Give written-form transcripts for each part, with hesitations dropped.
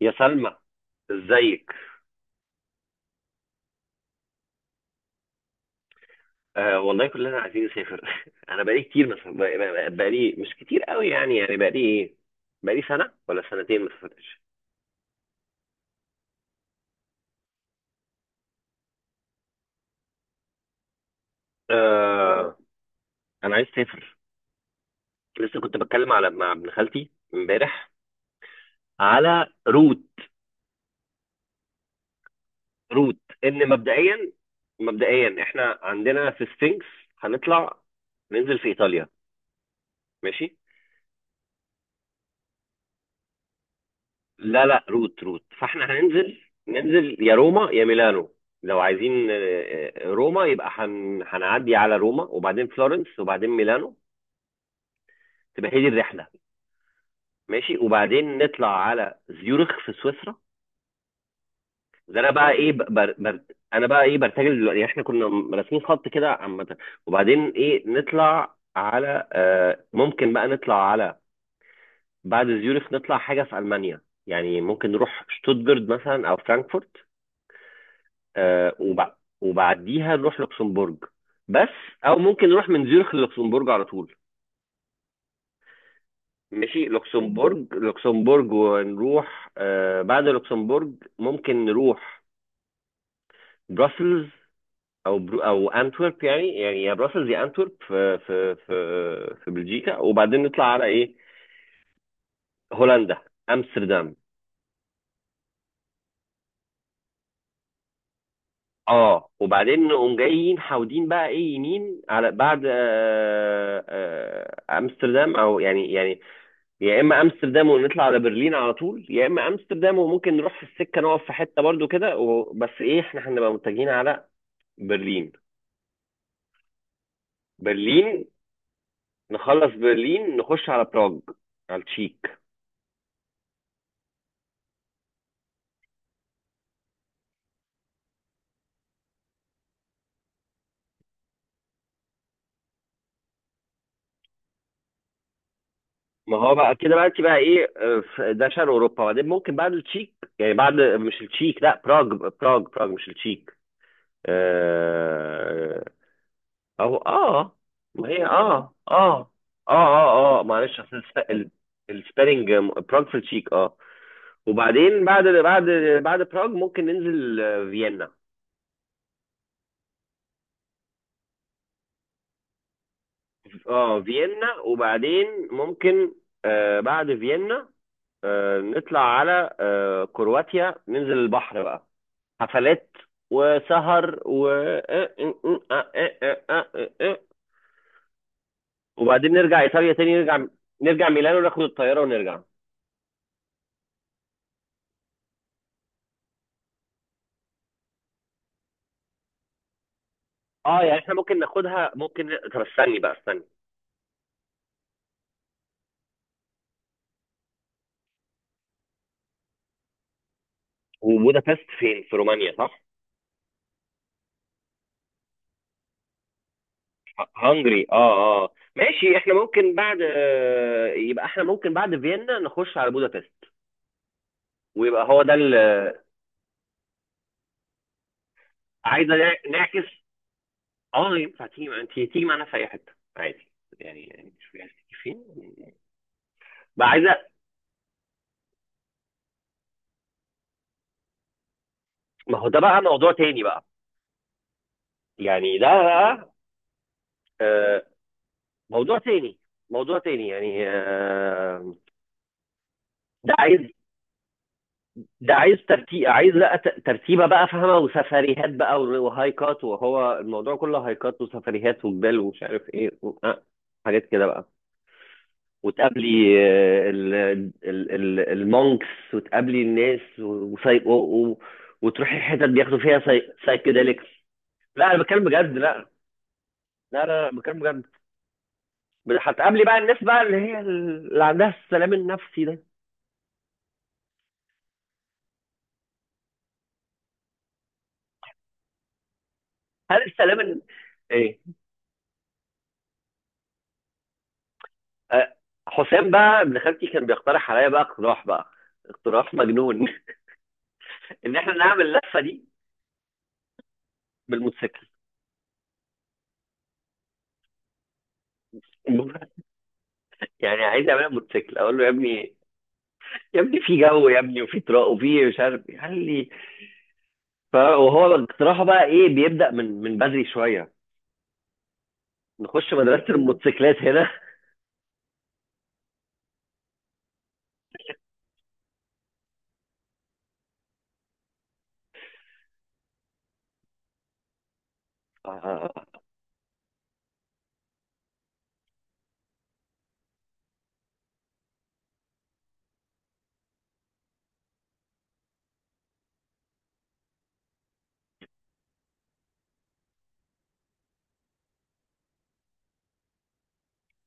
يا سلمى، ازيك؟ آه والله كلنا عايزين نسافر. انا بقالي كتير، مثلا مش كتير قوي، يعني بقالي ايه، بقالي سنه ولا سنتين ما سافرتش. آه، انا عايز اسافر. لسه كنت بتكلم مع ابن خالتي امبارح على روت. ان مبدئيا، احنا عندنا في سفنكس، هنطلع، ننزل في ايطاليا، ماشي. لا لا، روت، فاحنا هننزل يا روما يا ميلانو. لو عايزين روما، يبقى هنعدي على روما وبعدين فلورنس وبعدين ميلانو، تبقى هي دي الرحله. ماشي، وبعدين نطلع على زيورخ في سويسرا. ده انا بقى ايه، انا بقى ايه، برتجل دلوقتي. احنا كنا راسمين خط كده عامه، وبعدين ايه، نطلع على آه ممكن بقى نطلع على، بعد زيورخ، نطلع حاجه في المانيا. يعني ممكن نروح شتوتجارت مثلا او فرانكفورت. آه، وبع- وبعديها نروح لوكسمبورج، بس. او ممكن نروح من زيورخ للوكسمبورج على طول. ماشي، لوكسمبورج، ونروح، بعد لوكسمبورج ممكن نروح بروسلز او انتورب، يعني يا بروسلز يا انتورب، في في بلجيكا. وبعدين نطلع على ايه، هولندا، امستردام. اه، وبعدين نقوم جايين حاودين بقى ايه، يمين على بعد، آه، امستردام، او يعني، يا اما امستردام ونطلع على برلين على طول، يا اما امستردام وممكن نروح في السكه، نقف في حته برضو كده بس ايه، احنا هنبقى متجهين على برلين. برلين نخلص برلين، نخش على براغ، على التشيك. ما هو بقى كده، بقى انت بقى ايه، ده شرق اوروبا، بعدين ممكن بعد التشيك، يعني بعد مش التشيك، لا، براغ، براغ مش التشيك. آه، او اه ما هي، اه اه، اه معلش، اصل السبيلنج، آه، براغ في التشيك، اه. وبعدين، بعد براغ ممكن ننزل، فيينا. اه، فيينا، وبعدين ممكن، بعد فيينا، نطلع على كرواتيا، ننزل البحر بقى، حفلات وسهر و آه، آه، آه، آه، آه، آه، آه. وبعدين نرجع ايطاليا تاني، نرجع ميلانو، ناخد الطياره ونرجع. اه، يعني احنا ممكن ناخدها، ممكن، طب استني. وبودابست فين، في رومانيا، صح؟ هنجري، اه اه، ماشي. احنا ممكن بعد، يبقى احنا ممكن بعد فيينا نخش على بودابست، ويبقى هو ده اللي، عايزه، نعكس. اه ينفع تيجي، انت تيجي معانا في اي حته، عادي، يعني شوفي عايزه تيجي فين. بقى عايزه، ما هو ده بقى موضوع تاني بقى، يعني ده بقى، آه، موضوع تاني. يعني، ده عايز ده عايز ترتيب، عايز، لا، ترتيبه بقى، فاهمه؟ وسفريهات بقى، وهايكات، وهو الموضوع كله هايكات وسفريهات وجبال ومش عارف ايه و... آه. حاجات كده بقى. وتقابلي المونكس، وتقابلي الناس، وتروحي الحتت بياخدوا فيها، سايكيديليكس. لا انا بتكلم بجد، لا. لا لا، لا، بتكلم بجد. هتقابلي بقى الناس بقى، اللي هي اللي عندها السلام النفسي ده. هل السلام ايه، آه، حسام بقى ابن خالتي كان بيقترح عليا بقى اقتراح بقى، اقتراح مجنون. ان احنا نعمل اللفه دي بالموتوسيكل. يعني عايز اعملها بموتوسيكل. اقول له يا ابني، يا ابني، في جو يا ابني، وفي طرق، وفي مش عارف إيه. قال لي وهو اقتراحه بقى ايه، بيبدا من بدري شويه، نخش مدرسه الموتوسيكلات هنا. آه،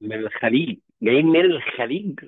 من الخليج، جايين من الخليج.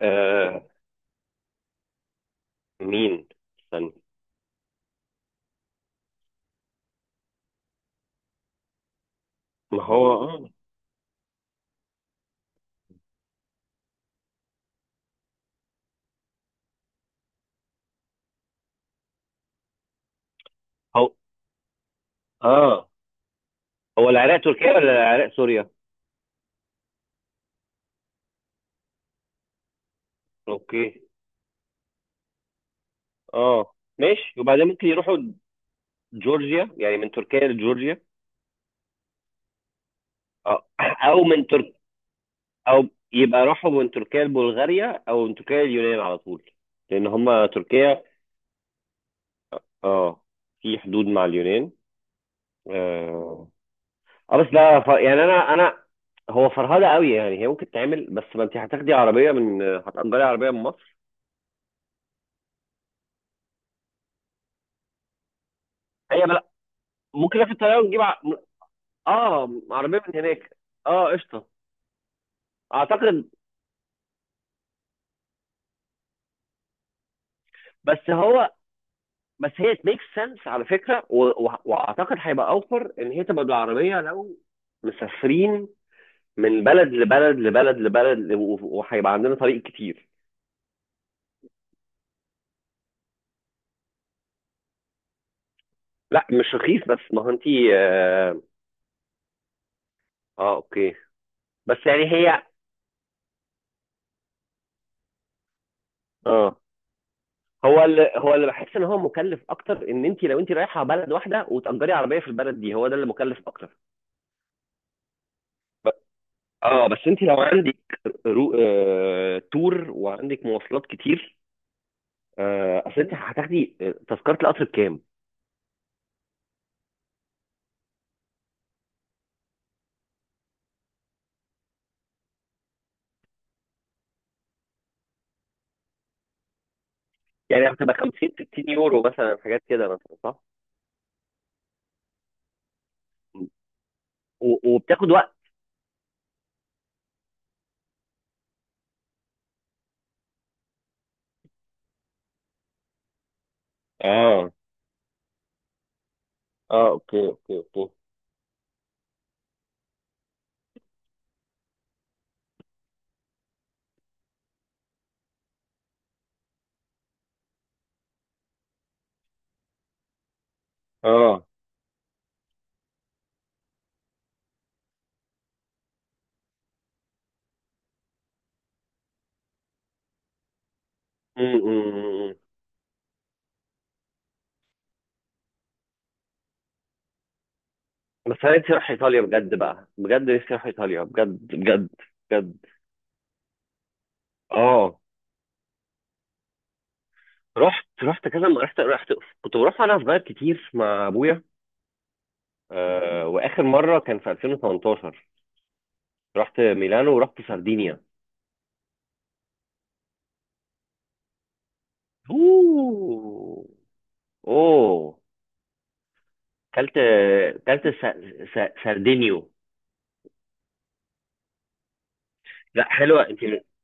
آه، مين؟ استنى. ما هو اه، هو اه، هو العراق تركيا ولا العراق سوريا؟ اوكي. اه ماشي، وبعدين ممكن يروحوا جورجيا، يعني من تركيا لجورجيا. اه. او من ترك او يبقى راحوا من تركيا لبلغاريا، او من تركيا لليونان على طول، لان هم تركيا، اه، في حدود مع اليونان، اه. آه، بس لا، يعني انا هو فرهده قوي، يعني هي ممكن تعمل، بس ما انت هتاخدي عربيه من، هتأجري عربيه من مصر. هي بلا، ممكن ناخد طياره ونجيب، اه عربيه من هناك. اه، قشطه. اعتقد، بس هو، بس هي it makes sense على فكرة، واعتقد هيبقى اوفر ان هي تبقى بالعربية، لو مسافرين من بلد لبلد لبلد لبلد، وهيبقى عندنا طريق كتير. لا مش رخيص، بس ما هو انتي، اه، آه اوكي، بس يعني هي، اه، هو اللي بحس ان هو مكلف اكتر، ان انت لو انت رايحه بلد واحده وتأجري عربيه في البلد دي، هو ده اللي مكلف اكتر. ب- اه بس انت لو عندك، تور، وعندك مواصلات كتير. آه، اصل انت هتاخدي، تذكره القطر بكام؟ يعني هتبقى 50 60 يورو مثلا، حاجات كده مثلا، صح؟ وبتاخد وقت. اه اه، اوكي اوكي. اه م. بس انا نفسي اروح ايطاليا بجد بقى، بجد نفسي اروح ايطاليا بجد بجد بجد. اه، رحت رحت كذا، رحت. كنت بروح وانا صغير كتير مع ابويا. آه، واخر مره كان في 2018، رحت ميلانو ورحت سردينيا. اوه، اوه، كلت، كلت سردينيو. لا، حلوه، انت،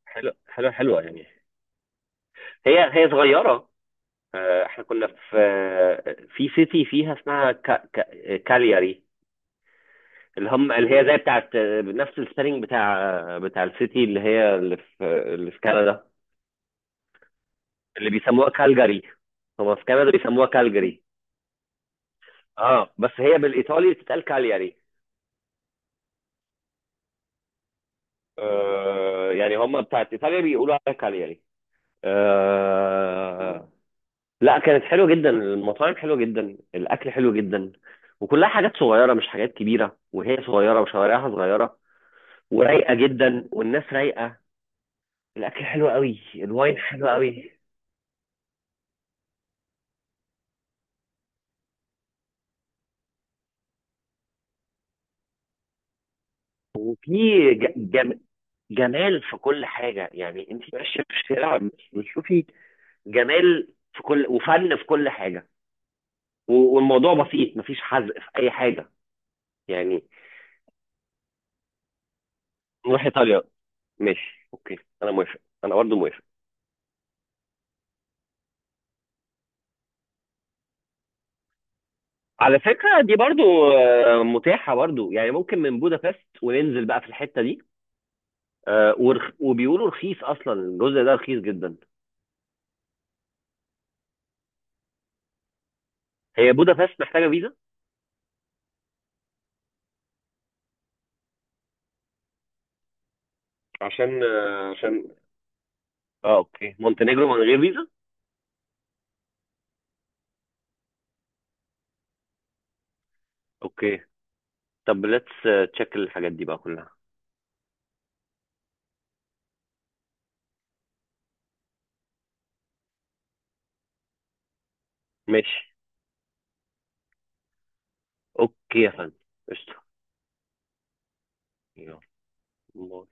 حلوه، حلوه يعني. هي صغيره. آه، احنا كنا في، في سيتي فيها اسمها، كا كا كالياري، اللي هم، اللي هي زي بتاعت، نفس السبيلنج بتاع، بتاع السيتي اللي هي اللي في، اللي في كندا، اللي بيسموها كالجاري. هم في كندا بيسموها كالجاري. اه، بس هي بالايطالي بتتقال كالياري. آه يعني هم بتاعت ايطاليا بيقولوا عليها كالياري، آه. لا، كانت حلوه جدا، المطاعم حلوه جدا، الاكل حلو جدا، وكلها حاجات صغيره مش حاجات كبيره، وهي صغيره، وشوارعها صغيره ورايقه جدا، والناس رايقه. الاكل حلو قوي، الواين حلو قوي. وفي، ج- جم... جمال في كل حاجه، يعني انت ماشيه في الشارع بتشوفي جمال في كل، وفن في كل حاجه. والموضوع بسيط، مفيش حزق في اي حاجه، يعني. نروح ايطاليا، ماشي، اوكي. انا موافق، انا برضه موافق. على فكرة، دي برضو، متاحة برضو، يعني ممكن من بودابست وننزل بقى في الحتة دي. وبيقولوا رخيص أصلا، الجزء ده رخيص جدا. هي بودابست محتاجة فيزا؟ عشان عشان، اه اوكي، مونتينيجرو من غير فيزا. اوكي، طب ليتس تشيك الحاجات دي بقى كلها. ماشي، اوكي يا فندم، قشطة. يلا.